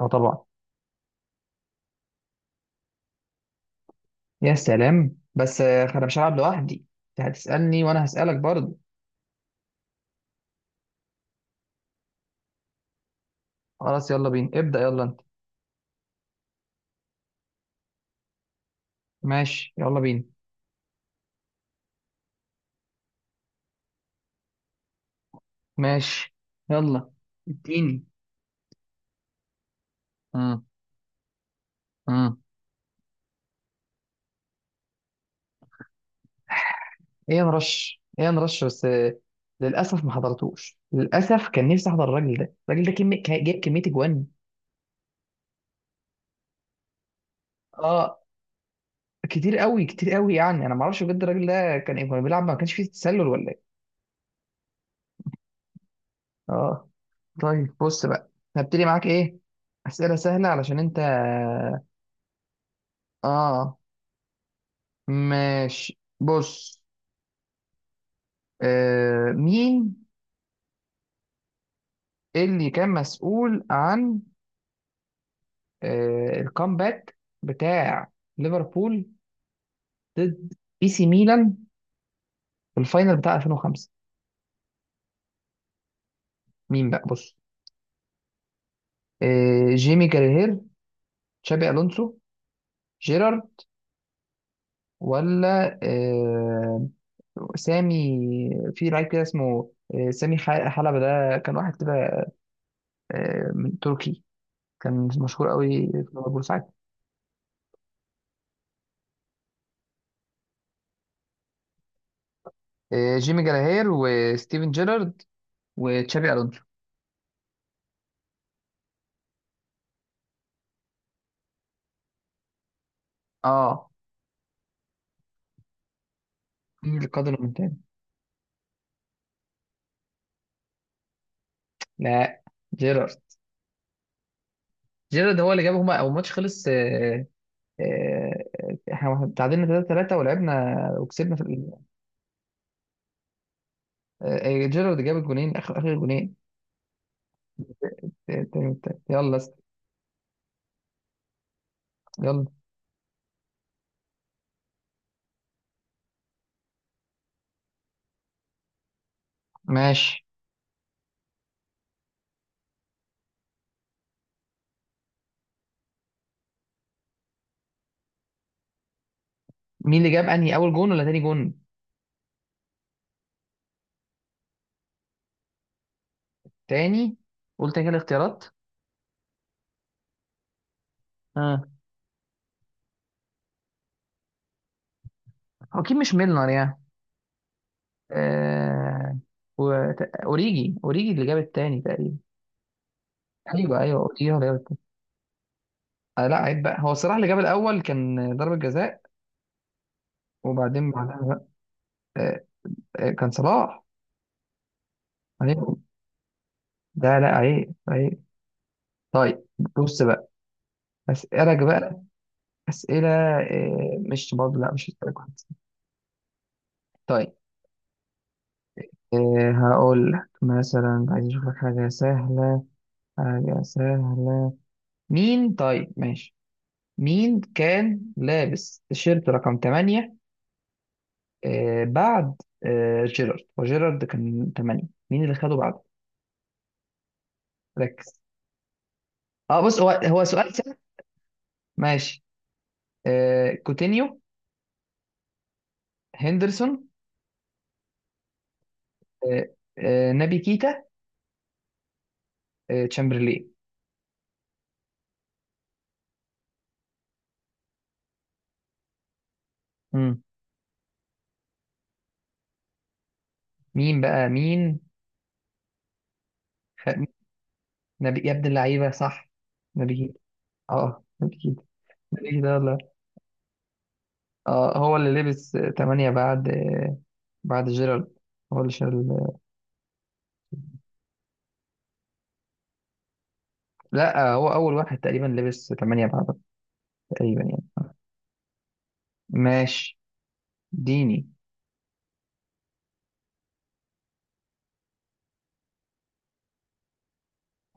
اه، طبعا. يا سلام، بس انا مش هلعب لوحدي. انت هتسألني وانا هسألك برضه. خلاص، يلا بينا ابدأ. يلا انت. ماشي، يلا بينا. ماشي، يلا. اديني. امم امم ايه نرش، ايه نرش، بس للأسف ما حضرتوش. للأسف كان نفسي احضر الراجل ده. الراجل ده جاب كمية اجوان. اه، كتير قوي كتير قوي يعني. انا ما اعرفش بجد الراجل ده كان إيه، كان بيلعب ما كانش فيه تسلل ولا ايه؟ اه، طيب بص بقى. هبتدي معاك ايه؟ أسئلة سهلة علشان انت. اه، ماشي، بص. مين اللي كان مسؤول عن الكامباك بتاع ليفربول ضد اي سي ميلان في الفاينل بتاع 2005؟ مين بقى؟ بص. جيمي كارير، تشابي الونسو، جيرارد، ولا سامي؟ في لعيب كده اسمه سامي حلبة. ده كان واحد كده من تركي، كان مشهور قوي في ليفربول ساعتها. جيمي جراهير، وستيفن جيرارد، وتشابي الونسو. اه، مين اللي قاد المونتانا؟ لا، جيرارد. جيرارد هو اللي جابهم. هو الماتش خلص. آه، احنا تعادلنا 3-3 ولعبنا وكسبنا في جيرارد جاب الجونين، اخر اخر جونين، التاني والتالت. يلا يلا. ماشي، مين اللي جاب انهي، اول جون ولا تاني جون؟ تاني. قلت كده الاختيارات. اه، هو اكيد مش ميلنر يعني. آه... و... اوريجي، اوريجي اللي جاب التاني تقريبا. ايوه، ايوه، اوريجي هو اللي جاب. لا عيب بقى، هو صلاح اللي جاب الاول، كان ضربة جزاء. وبعدين بعدها بقى آه كان صلاح. عيب، لا لا عيب عيب. طيب، بص بقى. اسالك بقى اسئله. مش برضه، لا، مش هسالك واحد. طيب. هقول لك مثلا. عايز اشوف لك حاجه سهله، حاجه سهله. مين؟ طيب، ماشي. مين كان لابس تيشيرت رقم 8؟ بعد جيرارد، وجيرارد كان 8. مين اللي خده بعده؟ ركز. اه، بص، هو سؤال. ماشي، كوتينيو، هندرسون، آه نبي كيتا، تشامبرلين. مم. مين بقى؟ مين؟ خ... نبي يا ابن اللعيبة، صح! نبي كيتا. اه، نبي كيتا. نبي كيتا، يلا. اه، هو اللي لبس تمانية بعد، بعد جيرارد، هو اللي شال. لا، هو أول واحد تقريبا لبس تمانية بعد، تقريبا يعني. ماشي، ديني.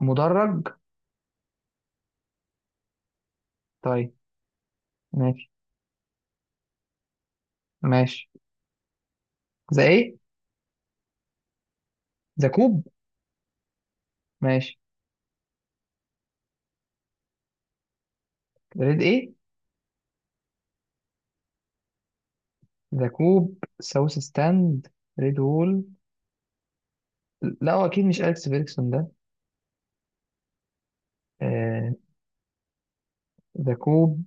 مدرج؟ طيب، ماشي ماشي. ذا ايه؟ ذا كوب. ماشي. ريد ايه؟ ذا كوب ساوث ستاند، ريد وول. لا، هو اكيد مش اليكس فيرجسون ده. آه، ذا كوب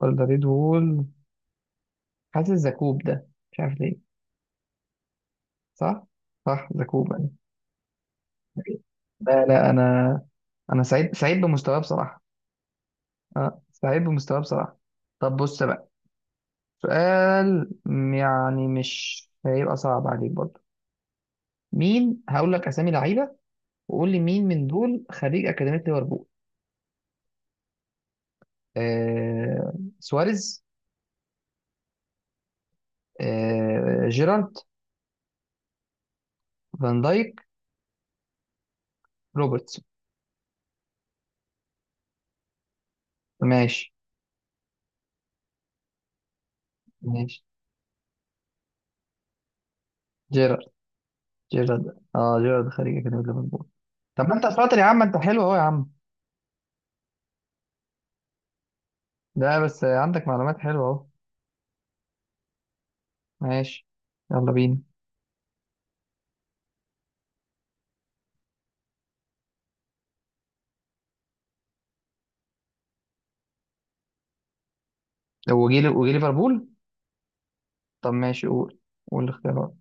ولا ريد وول؟ حاسس ذا كوب، ده مش عارف ليه. صح. صح، ذا كوب يعني. لا لا، انا انا سعيد، سعيد بمستواه بصراحه. اه، سعيد بمستواه بصراحه. طب بص بقى، سؤال يعني مش هيبقى صعب عليك برضه. مين، هقول لك اسامي لعيبه وقول لي مين من دول خريج اكاديميه ليفربول. آه سواريز، جيرارد، فان دايك، روبرتسون. ماشي ماشي. جيرارد. جيرارد. اه، جيرارد خارج كده من ليفربول. طب ما انت شاطر يا عم، انت حلو اهو يا عم. لا، بس عندك معلومات حلوه اهو. ماشي، يلا بينا. هو جه وجه ليفربول. طب ماشي، قول، قول الاختيارات.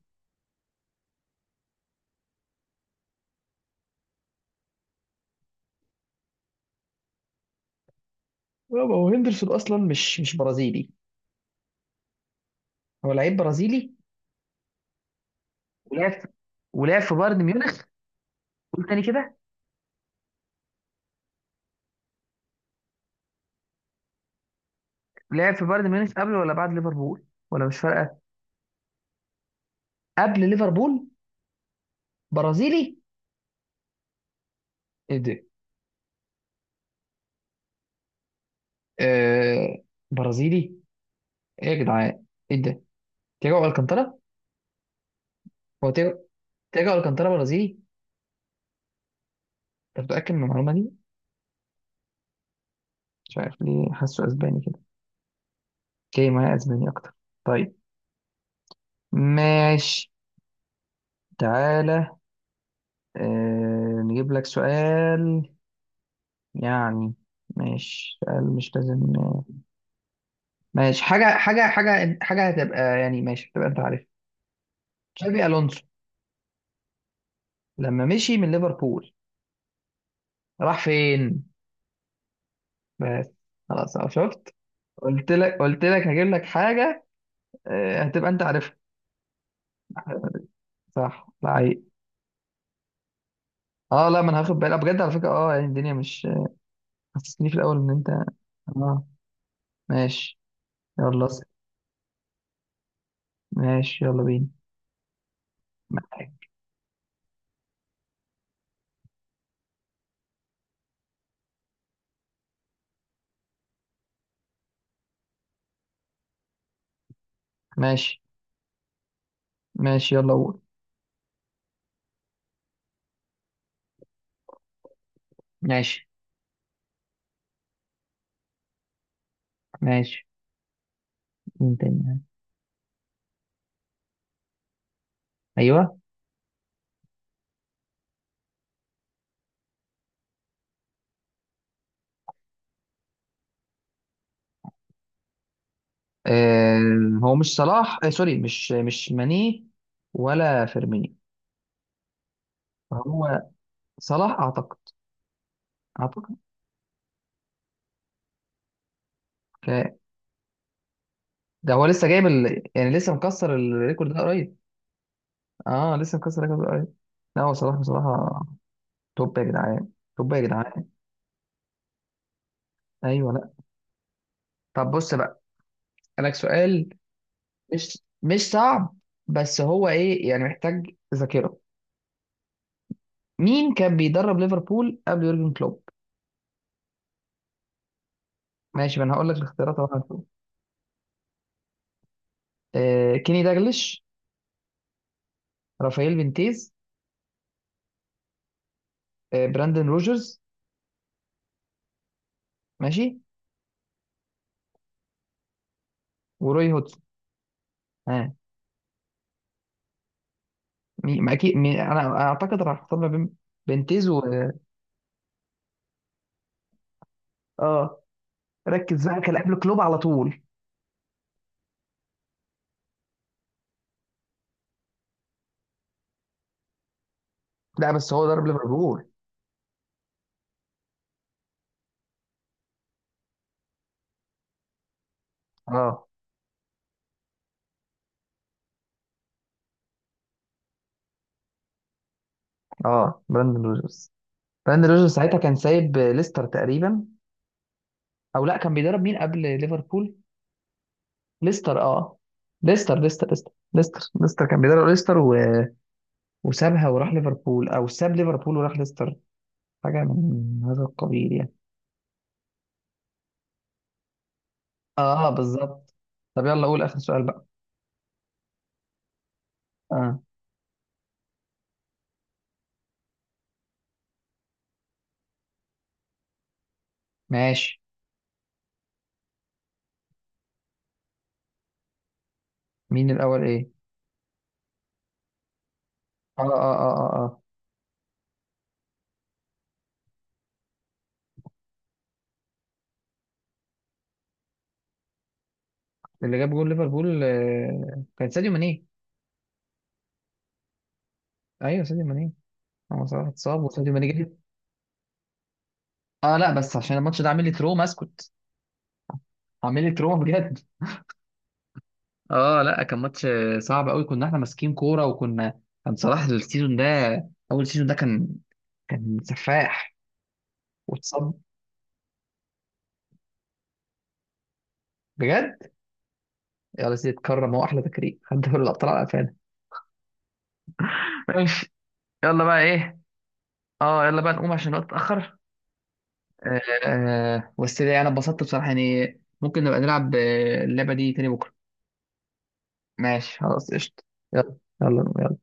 يابا، هو هندرسون اصلا مش برازيلي. هو لعيب برازيلي ولعب في- ولعب في بايرن ميونخ. قول تاني كده. لعب في بايرن ميونخ قبل ولا بعد ليفربول؟ ولا مش فارقه. قبل ليفربول. برازيلي؟ ايه ده؟ آه برازيلي؟ ايه يا جدعان؟ ايه ده؟ تياجو الكانتارا. هو تياجو، تياجو الكانتارا برازيلي؟ انت متأكد من المعلومة دي؟ مش عارف ليه حاسه اسباني كده. اوكي، ما اسباني اكتر. طيب، ماشي، تعالى. نجيب لك سؤال يعني. ماشي، سؤال مش لازم. ماشي، حاجة حاجة حاجة حاجة هتبقى يعني. ماشي، هتبقى انت عارف. تشابي الونسو، لما مشي من ليفربول، راح فين؟ بس، خلاص أهو، شفت؟ قلت لك، قلت لك هجيب لك حاجة هتبقى انت عارفها. صح لا؟ اه، لا، ما انا هاخد بالي بجد على فكرة. اه، يعني الدنيا مش، حسسني في الاول ان انت، اه، ماشي، يلا اسأل. ماشي، يلا بينا. معاك. ماشي، ماشي، يلا قول. ماشي، ماشي. مين تاني؟ ايوه. آه هو مش صلاح، سوري، مش ماني ولا فيرمينيو. هو صلاح اعتقد. اعتقد. ك- ده هو لسه جايب يعني لسه مكسر الريكورد ده قريب. اه، لسه مكسر الريكورد ده قريب. لا، هو صلاح بصراحة. توب يا جدعان، توب يا جدعان. ايوه لا. طب بص، لك سؤال مش صعب، بس هو ايه يعني، محتاج ذاكره. مين كان بيدرب ليفربول قبل يورجن كلوب؟ ماشي، ما انا هقول لك الاختيارات اهو، هنشوف. كيني داجلش، رافائيل فينتيز، براندن روجرز. ماشي، وروي هودسون. ها، مين ما اكيد مين؟ انا اعتقد راح اختار ما بين فينتيز و، اه، ركز بقى، كان قبل كلوب على طول. لا بس هو درب ليفربول. اه، اه، براندن روجرز. براندن روجرز ساعتها كان سايب ليستر تقريبا. او لا، كان بيدرب مين قبل ليفربول؟ ليستر، اه. ليستر كان بيدرب ليستر وسابها وراح ليفربول، او ساب ليفربول وراح ليستر. حاجه من هذا القبيل يعني. اه، بالظبط. طب يلا قول اخر سؤال بقى. اه، ماشي. مين الاول ايه؟ اه، اه، اه، اه، آه. اللي جاب جول ليفربول كان ساديو ماني. ايوه، ساديو ماني. هو صلاح اتصاب وساديو ماني جه. اه، لا بس عشان الماتش ده عامل لي تروما. اسكت، عامل لي تروما بجد. اه، لا كان ماتش صعب قوي. كنا احنا ماسكين كوره، وكنا، كان صلاح السيزون ده، اول سيزون ده كان، كان سفاح. واتصاب، بجد. يلا سيدي، اتكرم. هو احلى تكريم، خد دوري الابطال على قفانا. ماشي، يلا بقى ايه. اه، يلا بقى نقوم عشان الوقت اتاخر. آه بس ده انا اتبسطت بصراحه يعني. ممكن نبقى نلعب اللعبه دي تاني بكره. ماشي، خلاص قشطه. يلا، يلا يلا.